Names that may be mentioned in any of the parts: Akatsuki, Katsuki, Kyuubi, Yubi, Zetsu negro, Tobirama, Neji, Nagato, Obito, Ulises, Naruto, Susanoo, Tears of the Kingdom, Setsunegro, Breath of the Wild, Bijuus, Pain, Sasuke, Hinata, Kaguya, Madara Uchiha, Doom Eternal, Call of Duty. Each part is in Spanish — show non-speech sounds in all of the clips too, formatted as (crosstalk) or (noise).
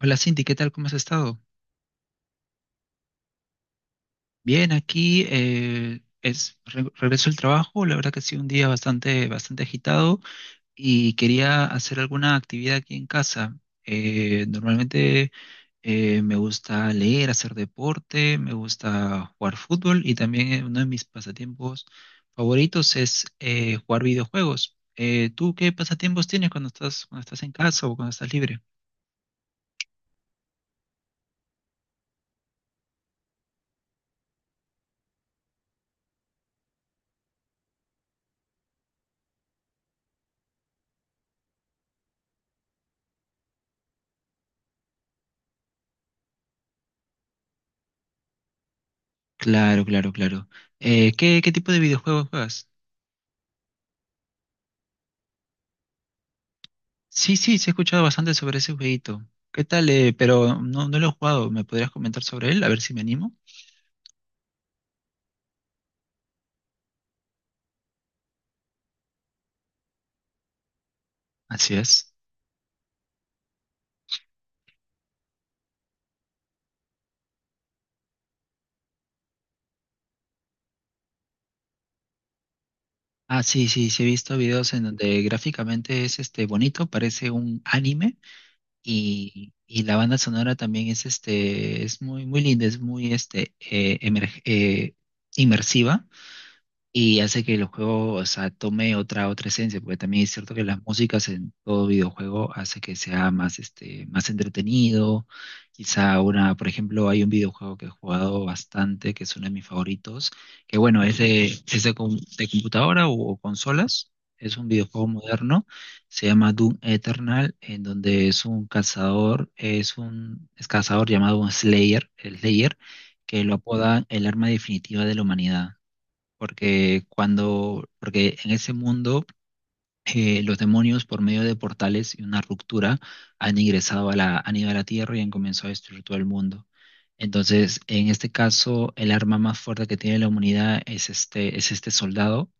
Hola Cindy, ¿qué tal? ¿Cómo has estado? Bien, aquí regreso al trabajo. La verdad que ha sido un día bastante agitado y quería hacer alguna actividad aquí en casa. Normalmente me gusta leer, hacer deporte, me gusta jugar fútbol y también uno de mis pasatiempos favoritos es jugar videojuegos. ¿Tú qué pasatiempos tienes cuando estás en casa o cuando estás libre? Claro, claro, claro. Qué tipo de videojuegos juegas? Sí, sí, sí he escuchado bastante sobre ese jueguito. ¿Qué tal, eh? Pero no lo he jugado. ¿Me podrías comentar sobre él? A ver si me animo. Así es. Ah, sí, sí, sí he visto videos en donde gráficamente es este bonito, parece un anime y la banda sonora también es este es muy linda, es muy este inmersiva y hace que el juego, o sea, tome otra esencia, porque también es cierto que las músicas en todo videojuego hace que sea más, este, más entretenido. Quizá una, por ejemplo, hay un videojuego que he jugado bastante, que es uno de mis favoritos, que bueno, de computadora o consolas. Es un videojuego moderno, se llama Doom Eternal, en donde es un cazador, es cazador llamado un Slayer, el Slayer, que lo apodan el arma definitiva de la humanidad porque porque en ese mundo los demonios por medio de portales y una ruptura han ingresado a la, han ido a la Tierra y han comenzado a destruir todo el mundo. Entonces, en este caso, el arma más fuerte que tiene la humanidad es este soldado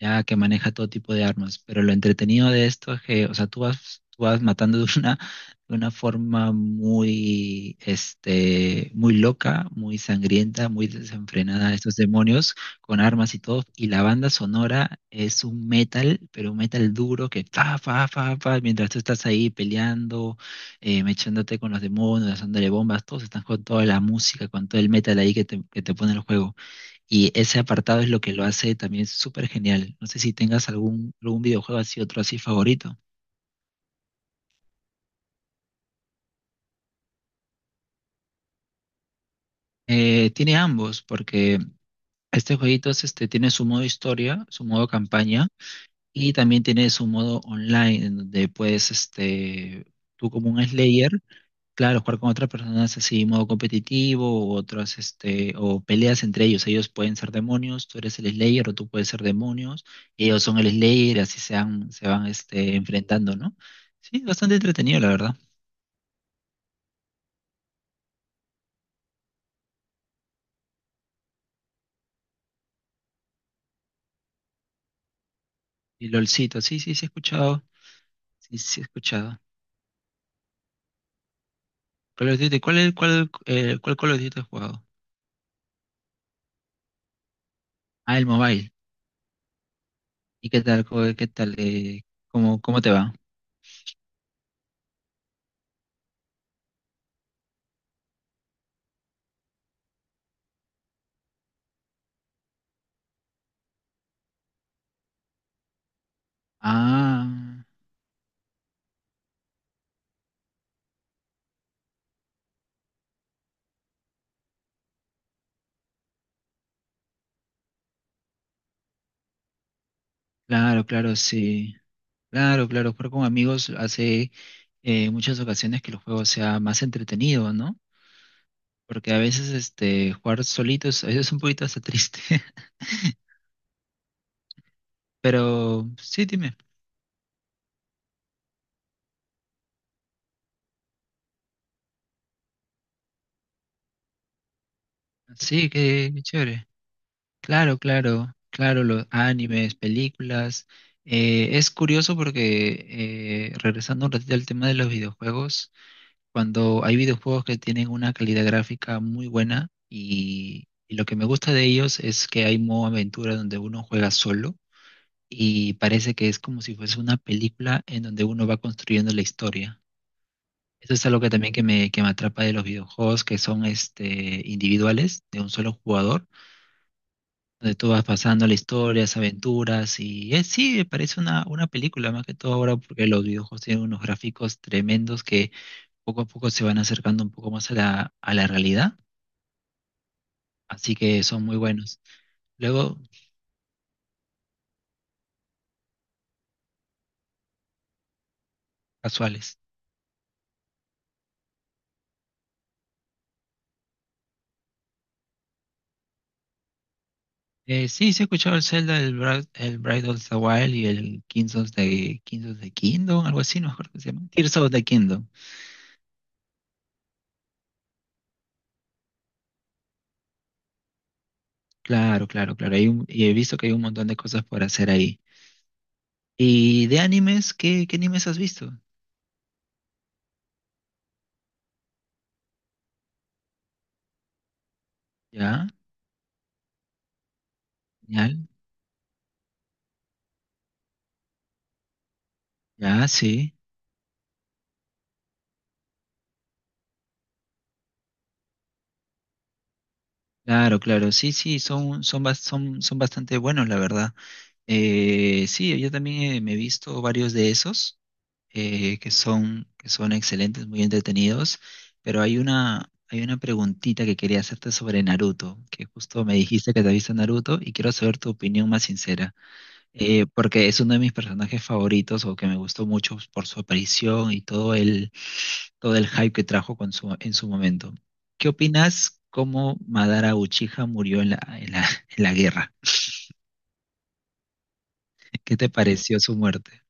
ya que maneja todo tipo de armas. Pero lo entretenido de esto es que, o sea, tú vas matando de una forma muy, este, muy loca, muy sangrienta, muy desenfrenada a estos demonios con armas y todo. Y la banda sonora es un metal, pero un metal duro que mientras tú estás ahí peleando, mechándote con los demonios, dándole bombas, todos están con toda la música, con todo el metal ahí que te pone el juego. Y ese apartado es lo que lo hace también súper genial. No sé si tengas algún videojuego así, otro así favorito. Tiene ambos, porque este jueguito este, tiene su modo historia, su modo campaña, y también tiene su modo online, en donde puedes, este, tú como un Slayer. Claro, jugar con otras personas así, modo competitivo, u otras, este, o peleas entre ellos. Ellos pueden ser demonios, tú eres el Slayer o tú puedes ser demonios, y ellos son el Slayer, así se van, este, enfrentando, ¿no? Sí, bastante entretenido, la verdad. Y LOLcito, sí, sí, sí he escuchado, sí, sí he escuchado. Call of Duty, cuál, cuál Call of Duty has jugado? Ah, el mobile. ¿Y qué tal, qué tal, cómo te va? Ah, claro, claro, sí. Claro, claro, jugar con amigos hace muchas ocasiones que el juego sea más entretenido, ¿no? Porque a veces este, jugar solito es un poquito hasta triste. (laughs) Pero sí, dime. Sí, qué, qué chévere. Claro, claro, claro, los animes, películas. Es curioso porque, regresando un ratito al tema de los videojuegos, cuando hay videojuegos que tienen una calidad gráfica muy buena y lo que me gusta de ellos es que hay modo aventura donde uno juega solo y parece que es como si fuese una película en donde uno va construyendo la historia. Eso es algo que también que me atrapa de los videojuegos, que son este, individuales, de un solo jugador, donde tú vas pasando la historia, las aventuras, y es, sí, parece una película más que todo ahora, porque los videojuegos tienen unos gráficos tremendos que poco a poco se van acercando un poco más a la realidad, así que son muy buenos. Luego, casuales. Sí, sí he escuchado el Zelda, el Breath of the Wild y el Kings of the Kingdom, algo así, no me acuerdo cómo se llama. Tears of the Kingdom. Claro, claro, claro. Y he visto que hay un montón de cosas por hacer ahí. ¿Y de animes? ¿Qué, qué animes has visto? Ya, ya, ya, sí. Claro, claro, sí, sí, son, son bastante buenos, la verdad. Sí, yo también me he visto varios de esos. Que que son excelentes, muy entretenidos, pero hay una preguntita que quería hacerte sobre Naruto, que justo me dijiste que te viste Naruto y quiero saber tu opinión más sincera, porque es uno de mis personajes favoritos o que me gustó mucho por su aparición y todo todo el hype que trajo con su, en su momento. ¿Qué opinas cómo Madara Uchiha murió en en la, (laughs) en la guerra? ¿Qué te pareció su muerte?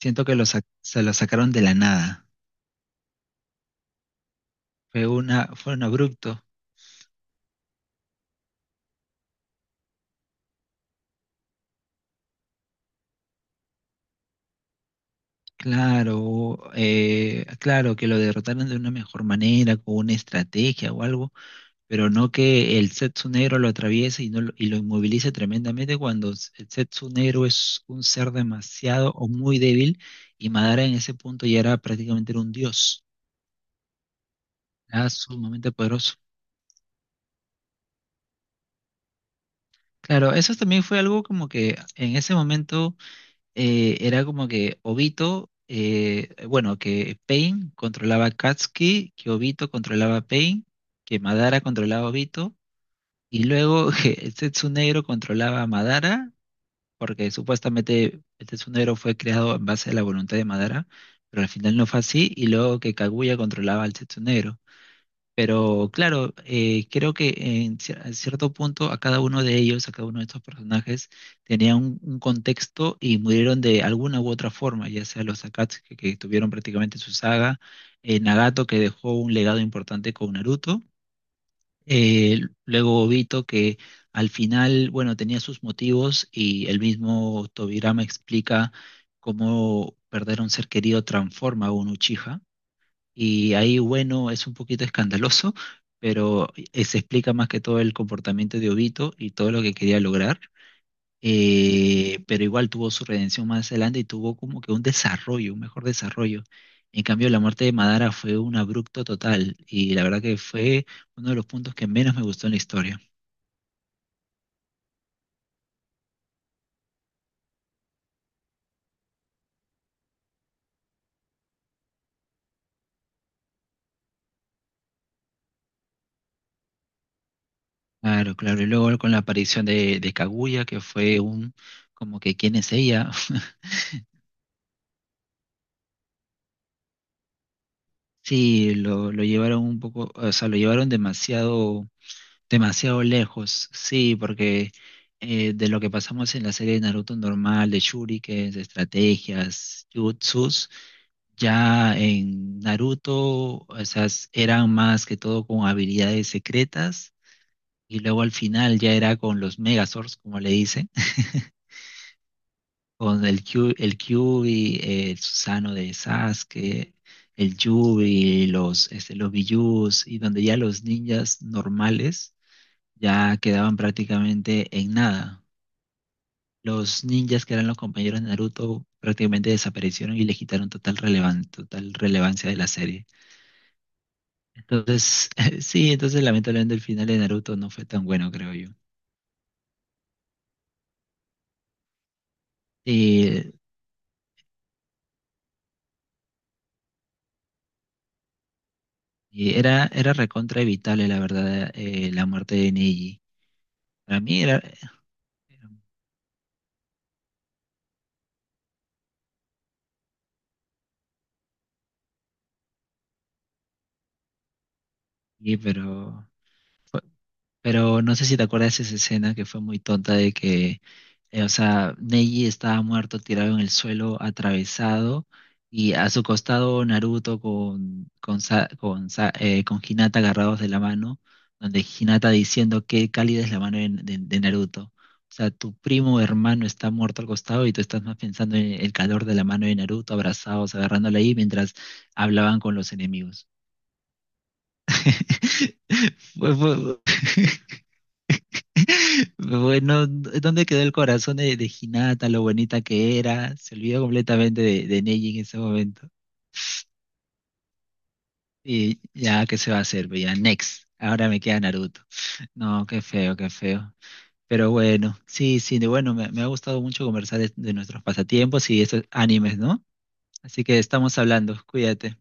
Siento que se lo sacaron de la nada. Fue una, fue un abrupto. Claro, claro, que lo derrotaron de una mejor manera, con una estrategia o algo, pero no que el Zetsu negro lo atraviese no lo, y lo inmovilice tremendamente cuando el Zetsu negro es un ser demasiado o muy débil y Madara en ese punto ya era prácticamente era un dios, era sumamente poderoso. Claro, eso también fue algo como que en ese momento era como que Obito, bueno, que Pain controlaba a Katsuki, que Obito controlaba a Pain, que Madara controlaba a Obito, y luego (laughs) que Setsunegro controlaba a Madara, porque supuestamente Setsunegro fue creado en base a la voluntad de Madara, pero al final no fue así, y luego que Kaguya controlaba al Setsunegro. Pero claro, creo que a cierto punto a cada uno de ellos, a cada uno de estos personajes, tenía un contexto y murieron de alguna u otra forma, ya sea los Akatsuki que tuvieron prácticamente su saga, Nagato que dejó un legado importante con Naruto, eh, luego Obito que al final, bueno, tenía sus motivos y el mismo Tobirama explica cómo perder a un ser querido transforma a un Uchiha. Y ahí, bueno, es un poquito escandaloso, pero se explica más que todo el comportamiento de Obito y todo lo que quería lograr. Pero igual tuvo su redención más adelante y tuvo como que un desarrollo, un mejor desarrollo. En cambio, la muerte de Madara fue un abrupto total y la verdad que fue uno de los puntos que menos me gustó en la historia. Claro, claro. Y luego con la aparición de Kaguya, que fue un, como que, ¿quién es ella? (laughs) Sí, lo llevaron un poco, o sea, lo llevaron demasiado, demasiado lejos, sí, porque de lo que pasamos en la serie de Naruto normal, de shurikens, de estrategias, jutsus, ya en Naruto, o sea, eran más que todo con habilidades secretas y luego al final ya era con los Megazords, como le dicen, (laughs) con el Kyuubi, el Susanoo de Sasuke, el Yubi, los, este, los Bijuus y donde ya los ninjas normales ya quedaban prácticamente en nada. Los ninjas que eran los compañeros de Naruto prácticamente desaparecieron y le quitaron total relevancia de la serie. Entonces, (laughs) sí, entonces lamentablemente el final de Naruto no fue tan bueno, creo yo. Y, era recontra evitable, la verdad, la muerte de Neji. Para mí era... Sí, pero... fue, pero no sé si te acuerdas de esa escena que fue muy tonta de o sea, Neji estaba muerto, tirado en el suelo, atravesado, y a su costado Naruto con Hinata agarrados de la mano, donde Hinata diciendo qué cálida es la mano de Naruto. O sea, tu primo hermano está muerto al costado y tú estás más pensando en el calor de la mano de Naruto, abrazados, agarrándola ahí mientras hablaban con los enemigos. (laughs) Fue, bueno, ¿dónde quedó el corazón de Hinata, lo bonita que era? Se olvidó completamente de Neji en ese momento. Y ya, ¿qué se va a hacer? Pues ya, next. Ahora me queda Naruto. No, qué feo, qué feo. Pero bueno, sí, sí, de bueno, me ha gustado mucho conversar de nuestros pasatiempos y estos animes, ¿no? Así que estamos hablando, cuídate.